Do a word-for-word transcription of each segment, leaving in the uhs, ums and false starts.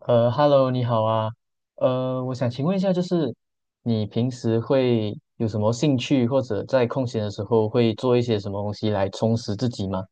呃，Hello，你好啊。呃，我想请问一下，就是你平时会有什么兴趣，或者在空闲的时候会做一些什么东西来充实自己吗？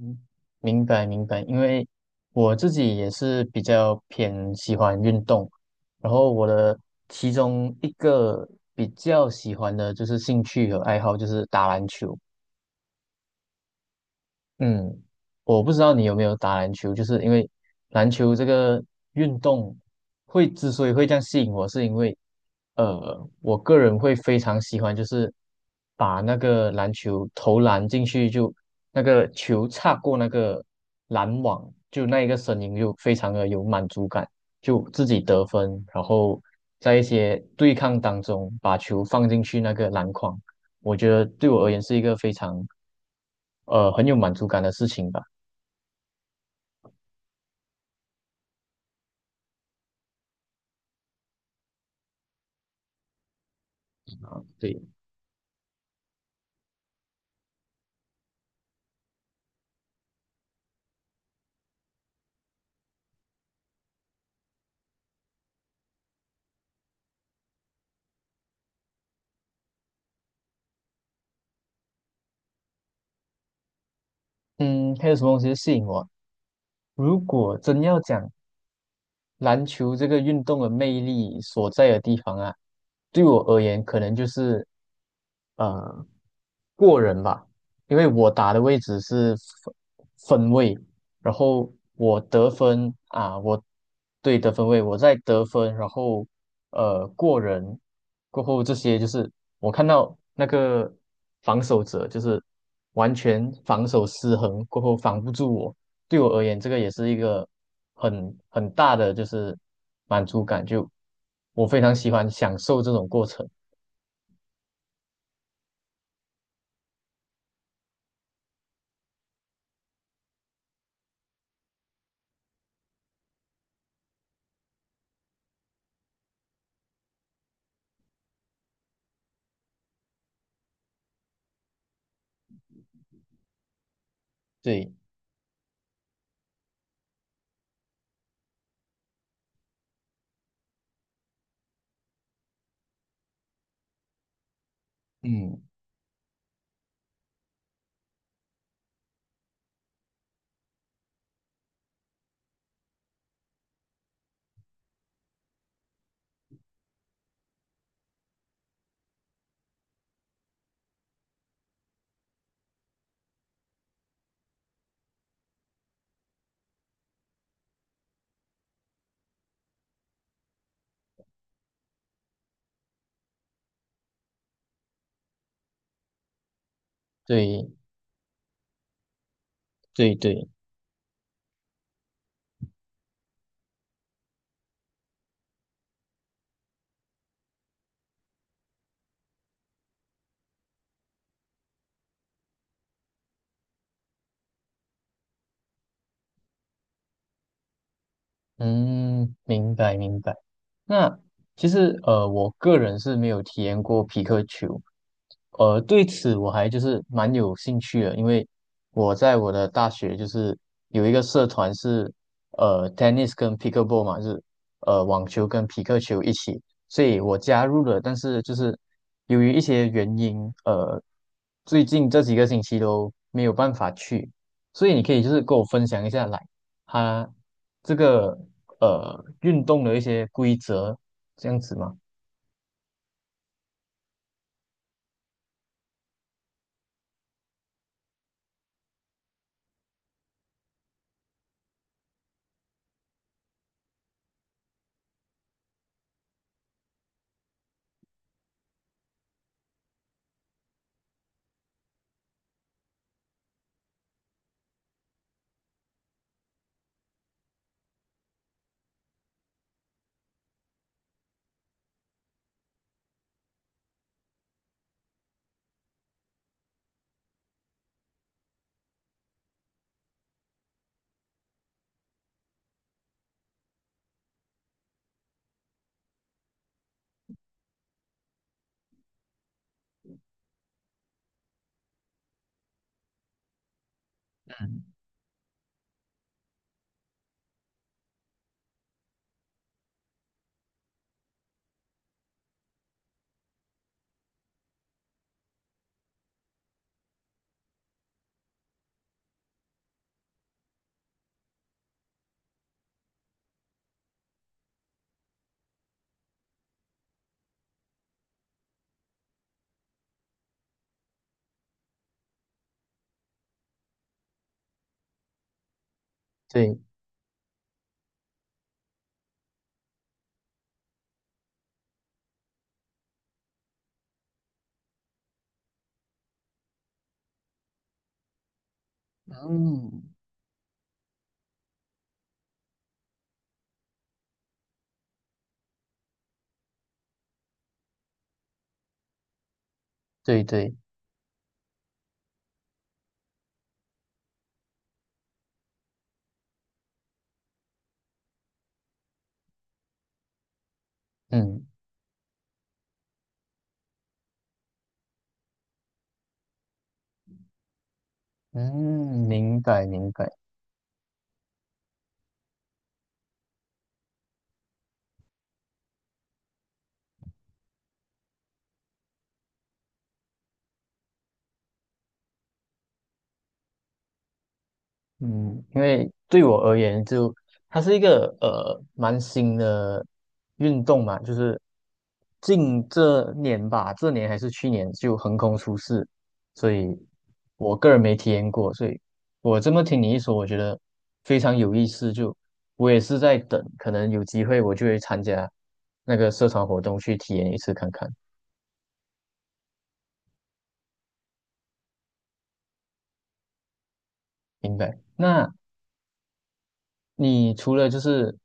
嗯，明白明白，因为我自己也是比较偏喜欢运动，然后我的其中一个比较喜欢的就是兴趣和爱好就是打篮球。嗯，我不知道你有没有打篮球，就是因为篮球这个运动会之所以会这样吸引我，是因为呃，我个人会非常喜欢，就是把那个篮球投篮进去就，那个球擦过那个篮网，就那一个声音就非常的有满足感，就自己得分，然后在一些对抗当中把球放进去那个篮筐，我觉得对我而言是一个非常呃很有满足感的事情吧。对，嗯，还有什么东西吸引我？如果真要讲篮球这个运动的魅力所在的地方啊，对我而言可能就是呃过人吧，因为我打的位置是分分位，然后我得分啊，我对得分位，我在得分，然后呃过人过后这些就是我看到那个防守者就是完全防守失衡过后防不住我。对我而言，这个也是一个很很大的就是满足感，就我非常喜欢享受这种过程。对，嗯，对，对，对，嗯，明白，明白。那其实呃，我个人是没有体验过皮克球，呃，对此我还就是蛮有兴趣的，因为我在我的大学就是有一个社团是呃 tennis 跟 pickleball 嘛，就是呃网球跟皮克球一起，所以我加入了，但是就是由于一些原因，呃，最近这几个星期都没有办法去，所以你可以就是跟我分享一下来，它这个呃运动的一些规则这样子嘛？对嗯，对对，嗯。嗯，明白明白，嗯，因为对我而言就，它是一个呃蛮新的运动嘛，就是近这年吧，这年还是去年就横空出世，所以我个人没体验过，所以我这么听你一说，我觉得非常有意思，就我也是在等，可能有机会我就会参加那个社团活动去体验一次看看。明白。那你除了就是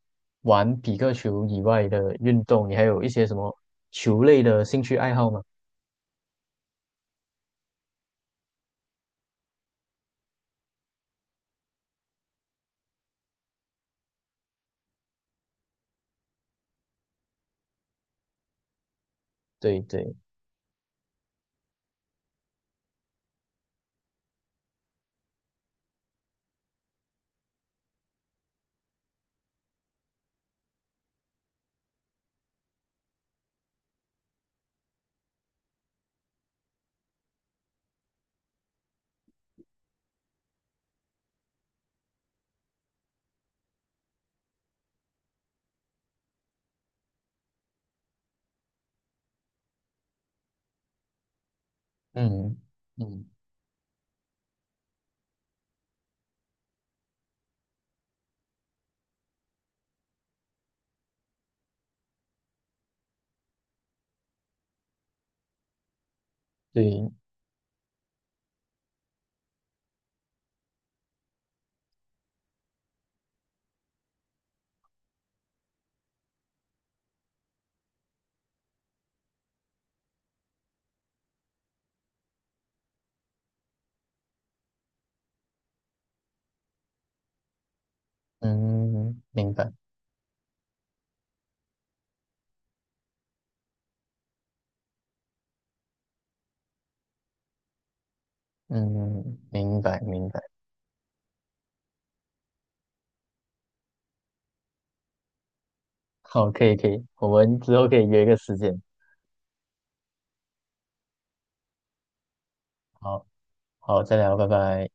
玩比克球以外的运动，你还有一些什么球类的兴趣爱好吗？对对，嗯嗯，对，嗯，明白，嗯，明白明白。好，可以可以，我们之后可以约一个时间。好好，再聊，拜拜。